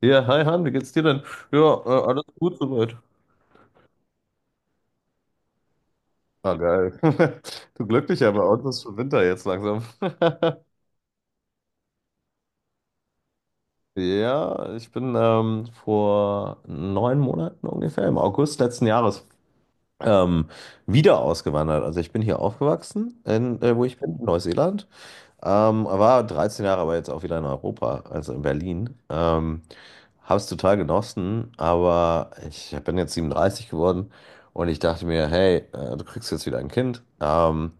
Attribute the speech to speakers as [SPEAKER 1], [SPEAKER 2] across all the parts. [SPEAKER 1] Ja, hi Han, wie geht's dir denn? Ja, alles gut soweit. Ah, geil. Du Glücklicher, bei uns ist schon Winter jetzt langsam. Ja, ich bin vor 9 Monaten ungefähr, im August letzten Jahres, ähm, wieder ausgewandert. Also ich bin hier aufgewachsen, wo ich bin, in Neuseeland. War 13 Jahre, aber jetzt auch wieder in Europa, also in Berlin. Habe es total genossen, aber ich bin jetzt 37 geworden und ich dachte mir, hey, du kriegst jetzt wieder ein Kind. Ähm,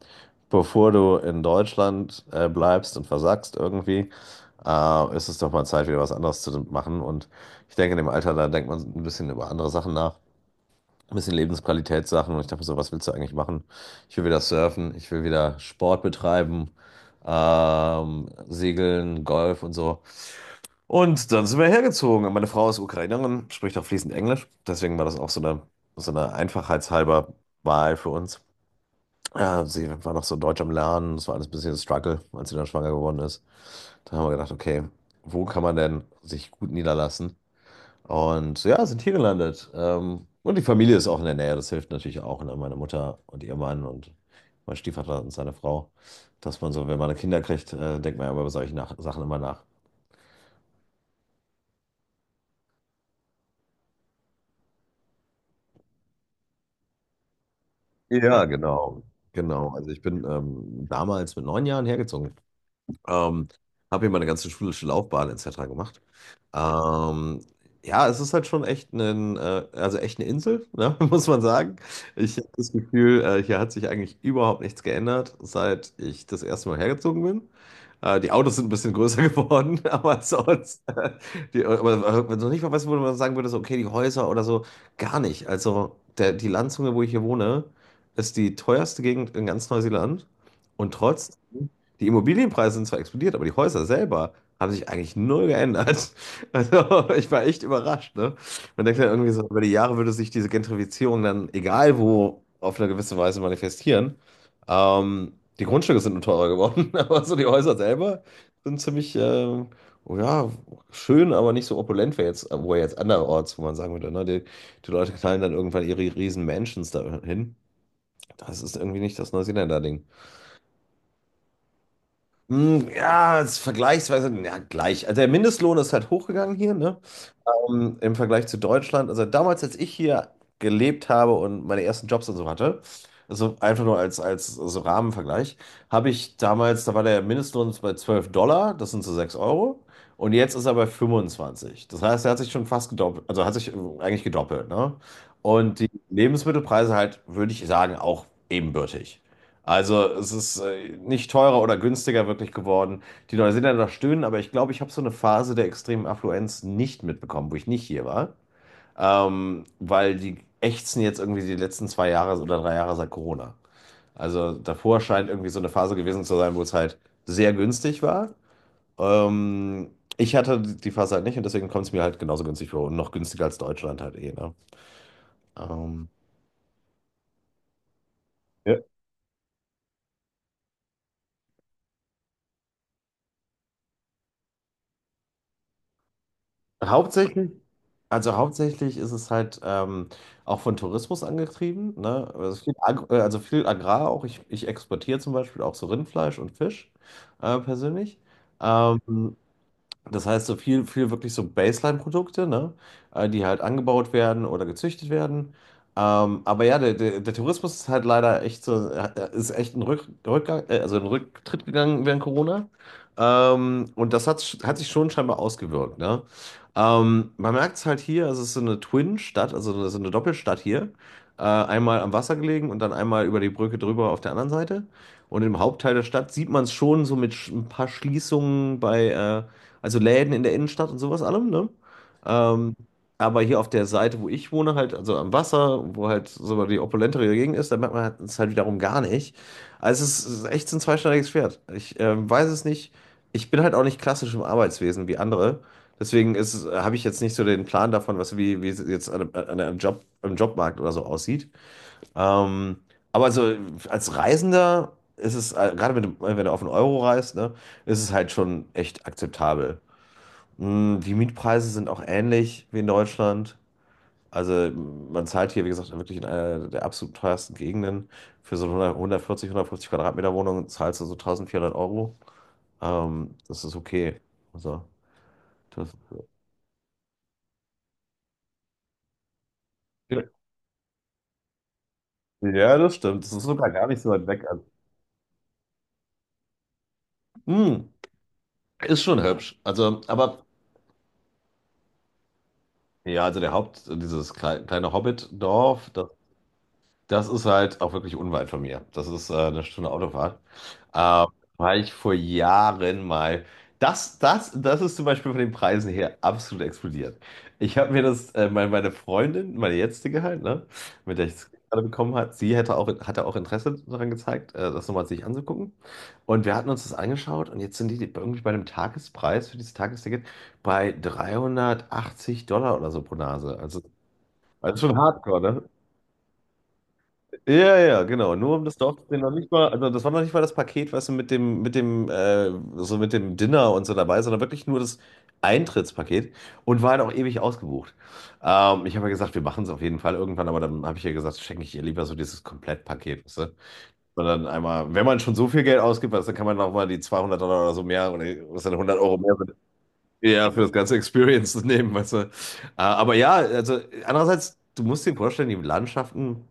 [SPEAKER 1] bevor du in Deutschland bleibst und versackst irgendwie, ist es doch mal Zeit, wieder was anderes zu machen. Und ich denke, in dem Alter, da denkt man ein bisschen über andere Sachen nach, ein bisschen Lebensqualitätssachen. Und ich dachte mir so, was willst du eigentlich machen? Ich will wieder surfen, ich will wieder Sport betreiben, segeln, Golf und so. Und dann sind wir hergezogen. Und meine Frau ist Ukrainerin, spricht auch fließend Englisch. Deswegen war das auch so eine einfachheitshalber Wahl für uns. Ja, sie war noch so deutsch am Lernen. Das war alles ein bisschen ein Struggle, als sie dann schwanger geworden ist. Da haben wir gedacht, okay, wo kann man denn sich gut niederlassen? Und ja, sind hier gelandet. Und die Familie ist auch in der Nähe. Das hilft natürlich auch. Ne? Meine Mutter und ihr Mann und mein Stiefvater und seine Frau. Dass man so, wenn man Kinder kriegt, denkt man ja über solche nach Sachen immer nach. Ja, genau. Genau. Also ich bin damals mit 9 Jahren hergezogen. Ähm, habe hier meine ganze schulische Laufbahn etc. gemacht. Ähm, ja, es ist halt schon echt also echt eine Insel, ne, muss man sagen. Ich habe das Gefühl, hier hat sich eigentlich überhaupt nichts geändert, seit ich das erste Mal hergezogen bin. Die Autos sind ein bisschen größer geworden, aber sonst, aber wenn du nicht mal weißt, wo man sagen würde, so, okay, die Häuser oder so, gar nicht. Also die Landzunge, wo ich hier wohne, ist die teuerste Gegend in ganz Neuseeland. Und trotzdem die Immobilienpreise sind zwar explodiert, aber die Häuser selber haben sich eigentlich null geändert. Also ich war echt überrascht, ne? Man denkt ja irgendwie so, über die Jahre würde sich diese Gentrifizierung dann, egal wo, auf eine gewisse Weise manifestieren. Ähm, die Grundstücke sind nur teurer geworden, aber so die Häuser selber sind ziemlich, oh ja, schön, aber nicht so opulent wie jetzt, wo jetzt anderorts, wo man sagen würde, ne? Die Leute knallen dann irgendwann ihre riesen Mansions da hin. Das ist irgendwie nicht das Neuseeländer-Ding. Hm, ja, ist vergleichsweise, ja, gleich. Also der Mindestlohn ist halt hochgegangen hier, ne? Im Vergleich zu Deutschland. Also damals, als ich hier gelebt habe und meine ersten Jobs und so hatte, also einfach nur als, als so Rahmenvergleich, habe ich damals, da war der Mindestlohn bei 12 Dollar, das sind so 6 Euro. Und jetzt ist er bei 25. Das heißt, er hat sich schon fast gedoppelt, also hat sich eigentlich gedoppelt, ne? Und die Lebensmittelpreise halt, würde ich sagen, auch ebenbürtig. Also es ist nicht teurer oder günstiger wirklich geworden. Die Neuseeländer noch stöhnen, aber ich glaube, ich habe so eine Phase der extremen Affluenz nicht mitbekommen, wo ich nicht hier war. Weil die ächzen jetzt irgendwie die letzten zwei Jahre oder drei Jahre seit Corona. Also davor scheint irgendwie so eine Phase gewesen zu sein, wo es halt sehr günstig war. Ähm, ich hatte die Phase halt nicht und deswegen kommt es mir halt genauso günstig vor und noch günstiger als Deutschland halt eh, ne? Ähm, Ja. Hauptsächlich, also hauptsächlich ist es halt auch von Tourismus angetrieben, ne? Also viel Agrar auch. Ich exportiere zum Beispiel auch so Rindfleisch und Fisch persönlich. Ähm, das heißt, so viel, viel wirklich so Baseline-Produkte, ne? Die halt angebaut werden oder gezüchtet werden. Aber ja, der Tourismus ist halt leider echt so, ist echt ein Rückgang, also ein Rücktritt gegangen während Corona. Und das hat sich schon scheinbar ausgewirkt, ne? Man merkt es halt hier, also es ist so eine Twin-Stadt, also so eine Doppelstadt hier. Einmal am Wasser gelegen und dann einmal über die Brücke drüber auf der anderen Seite. Und im Hauptteil der Stadt sieht man es schon so mit ein paar Schließungen bei, also Läden in der Innenstadt und sowas allem, ne? Ähm, aber hier auf der Seite, wo ich wohne, halt, also am Wasser, wo halt so die opulentere Gegend ist, da merkt man halt- es halt wiederum gar nicht. Also es ist echt so ein zweischneidiges Schwert. Ich weiß es nicht. Ich bin halt auch nicht klassisch im Arbeitswesen wie andere. Deswegen habe ich jetzt nicht so den Plan davon, was wie, wie es jetzt an Job, im Jobmarkt oder so aussieht. Ähm, aber also als Reisender ist es, gerade wenn du auf den Euro reist, ne, ist es halt schon echt akzeptabel. Die Mietpreise sind auch ähnlich wie in Deutschland. Also man zahlt hier, wie gesagt, wirklich in einer der absolut teuersten Gegenden. Für so eine 100 140, 150 Quadratmeter Wohnung zahlst du so 1400 Euro. Das ist okay. Also, das, ja, das stimmt. Das ist sogar gar nicht so weit weg. Also, mm, ist schon hübsch. Also, aber ja, also dieses kleine Hobbit-Dorf, das. Das ist halt auch wirklich unweit von mir. Das ist eine Stunde Autofahrt. Ähm, war ich vor Jahren mal. Das ist zum Beispiel von den Preisen her absolut explodiert. Ich habe mir das, meine Freundin, meine jetzige halt, ne, mit der ich es gerade bekommen hat, sie hätte auch, hatte auch Interesse daran gezeigt, das nochmal sich anzugucken. Und wir hatten uns das angeschaut und jetzt sind die irgendwie bei einem Tagespreis für dieses Tagesticket bei 380 Dollar oder so pro Nase. Also schon hardcore, ne? Ja, ja, genau. Nur um das Dorf zu sehen, noch nicht mal, also das war noch nicht mal das Paket, weißt du, mit dem, so mit dem Dinner und so dabei, sondern wirklich nur das Eintrittspaket und war halt auch ewig ausgebucht. Ich habe ja gesagt, wir machen es auf jeden Fall irgendwann, aber dann habe ich ja gesagt, schenke ich ihr lieber so dieses Komplettpaket, weißt du? Und dann einmal, wenn man schon so viel Geld ausgibt, weißt du, dann kann man nochmal die 200 Dollar oder so mehr oder was dann 100 Euro mehr sind, ja, für das ganze Experience nehmen, weißt du? Aber ja, also andererseits, du musst dir vorstellen, die Landschaften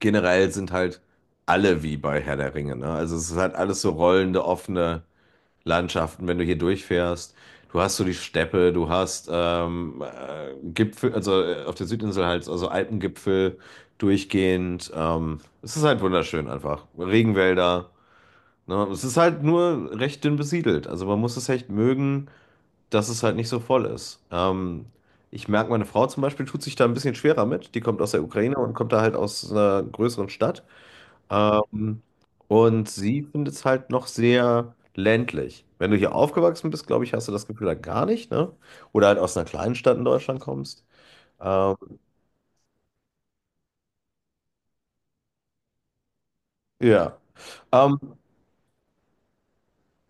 [SPEAKER 1] generell sind halt alle wie bei Herr der Ringe, ne? Also es ist halt alles so rollende, offene Landschaften, wenn du hier durchfährst. Du hast so die Steppe, du hast Gipfel, also auf der Südinsel halt, also Alpengipfel durchgehend. Es ist halt wunderschön einfach. Regenwälder, ne? Es ist halt nur recht dünn besiedelt. Also man muss es echt mögen, dass es halt nicht so voll ist. Ich merke, meine Frau zum Beispiel tut sich da ein bisschen schwerer mit. Die kommt aus der Ukraine und kommt da halt aus einer größeren Stadt. Ähm, und sie findet es halt noch sehr ländlich. Wenn du hier aufgewachsen bist, glaube ich, hast du das Gefühl halt gar nicht, ne? Oder halt aus einer kleinen Stadt in Deutschland kommst. Ähm, ja. Ähm,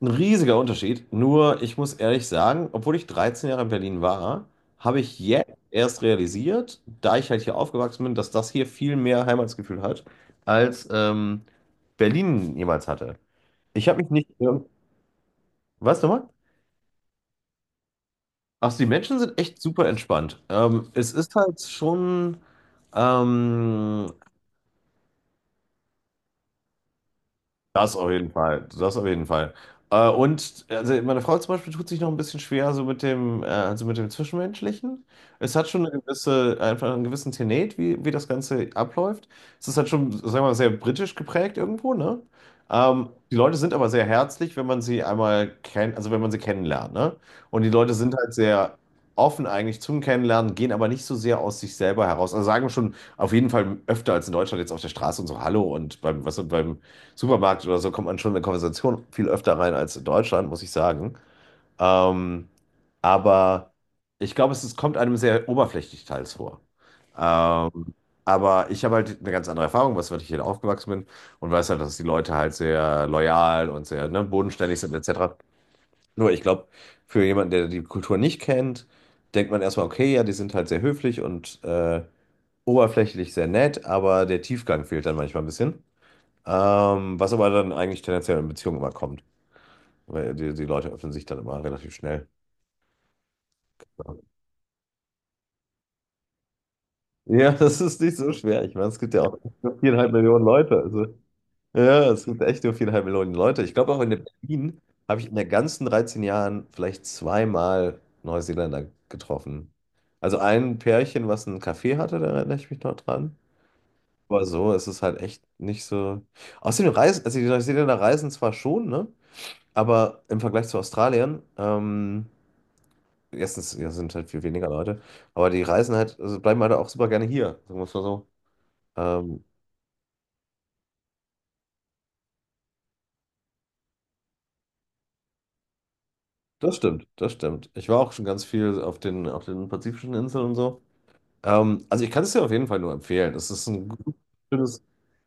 [SPEAKER 1] ein riesiger Unterschied. Nur, ich muss ehrlich sagen, obwohl ich 13 Jahre in Berlin war, habe ich jetzt erst realisiert, da ich halt hier aufgewachsen bin, dass das hier viel mehr Heimatsgefühl hat, als Berlin jemals hatte. Ich habe mich nicht. Was nochmal? Ach, so, die Menschen sind echt super entspannt. Es ist halt schon. ähm, Das auf jeden Fall, das auf jeden Fall. Und also meine Frau zum Beispiel tut sich noch ein bisschen schwer so mit dem, also mit dem Zwischenmenschlichen. Es hat schon eine gewisse, einfach einen gewissen Tenet, wie das Ganze abläuft. Es ist halt schon, sagen wir mal, sehr britisch geprägt irgendwo, ne? Die Leute sind aber sehr herzlich, wenn man sie einmal kennt, also wenn man sie kennenlernt, ne? Und die Leute sind halt sehr offen eigentlich zum Kennenlernen, gehen aber nicht so sehr aus sich selber heraus. Also sagen schon auf jeden Fall öfter als in Deutschland jetzt auf der Straße und so Hallo und beim, was und beim Supermarkt oder so kommt man schon in eine Konversation viel öfter rein als in Deutschland, muss ich sagen. Ähm, aber ich glaube, es kommt einem sehr oberflächlich teils vor. Ähm, aber ich habe halt eine ganz andere Erfahrung, was weil ich hier aufgewachsen bin und weiß halt, dass die Leute halt sehr loyal und sehr, ne, bodenständig sind etc. Nur ich glaube, für jemanden, der die Kultur nicht kennt, denkt man erstmal, okay, ja, die sind halt sehr höflich und oberflächlich sehr nett, aber der Tiefgang fehlt dann manchmal ein bisschen. Was aber dann eigentlich tendenziell in Beziehungen immer kommt, weil die Leute öffnen sich dann immer relativ schnell. Ja, das ist nicht so schwer. Ich meine, es gibt ja auch nur 4,5 Millionen Leute. Also, ja, es gibt echt nur 4,5 Millionen Leute. Ich glaube, auch in Berlin habe ich in den ganzen 13 Jahren vielleicht zweimal Neuseeländer getroffen. Also ein Pärchen, was einen Café hatte, da erinnere ich mich noch dran. Aber so ist es halt echt nicht so. Außerdem reisen, also die Neuseeländer reisen zwar schon, ne? Aber im Vergleich zu Australien, Erstens, ja, sind halt viel weniger Leute, aber die reisen halt, also bleiben halt auch super gerne hier, sagen wir es mal so. Ähm, das stimmt, das stimmt. Ich war auch schon ganz viel auf den pazifischen Inseln und so. Also ich kann es dir auf jeden Fall nur empfehlen. Es ist ein schönes,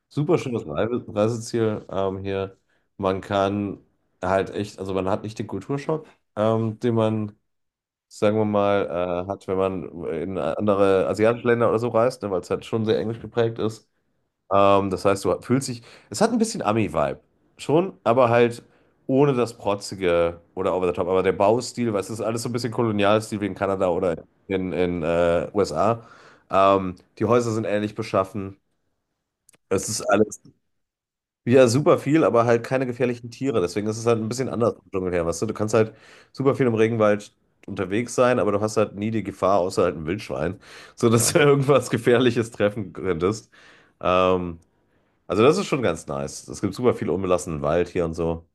[SPEAKER 1] super schönes Reiseziel hier. Man kann halt echt, also man hat nicht den Kulturschock, den man, sagen wir mal, hat, wenn man in andere asiatische Länder oder so reist, ne, weil es halt schon sehr englisch geprägt ist. Das heißt, du fühlst dich. Es hat ein bisschen Ami-Vibe. Schon, aber halt ohne das Protzige oder over the top. Aber der Baustil, weißt du, das ist alles so ein bisschen Kolonialstil wie in Kanada oder in USA. Die Häuser sind ähnlich beschaffen. Es ist alles, ja, super viel, aber halt keine gefährlichen Tiere. Deswegen ist es halt ein bisschen anders im Dschungel her, weißt du? Du kannst halt super viel im Regenwald unterwegs sein, aber du hast halt nie die Gefahr, außer halt ein Wildschwein, so dass du irgendwas Gefährliches treffen könntest. Ähm, also das ist schon ganz nice. Es gibt super viel unbelassenen Wald hier und so.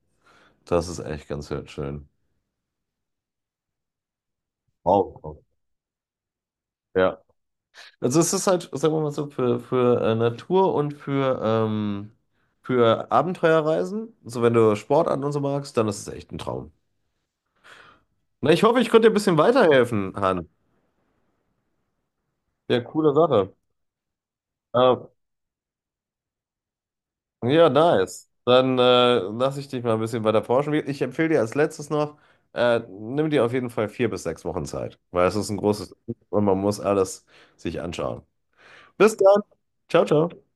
[SPEAKER 1] Das ist echt ganz schön. Wow. Ja. Also es ist halt, sagen wir mal so, für Natur und für Abenteuerreisen. So, wenn du Sport an und so magst, dann ist es echt ein Traum. Na, ich hoffe, ich konnte dir ein bisschen weiterhelfen, Han. Ja, coole Sache. Ähm, Ja, nice. Dann lasse ich dich mal ein bisschen weiter forschen. Ich empfehle dir als letztes noch, nimm dir auf jeden Fall 4 bis 6 Wochen Zeit, weil es ist ein großes und man muss alles sich anschauen. Bis dann. Ciao, ciao.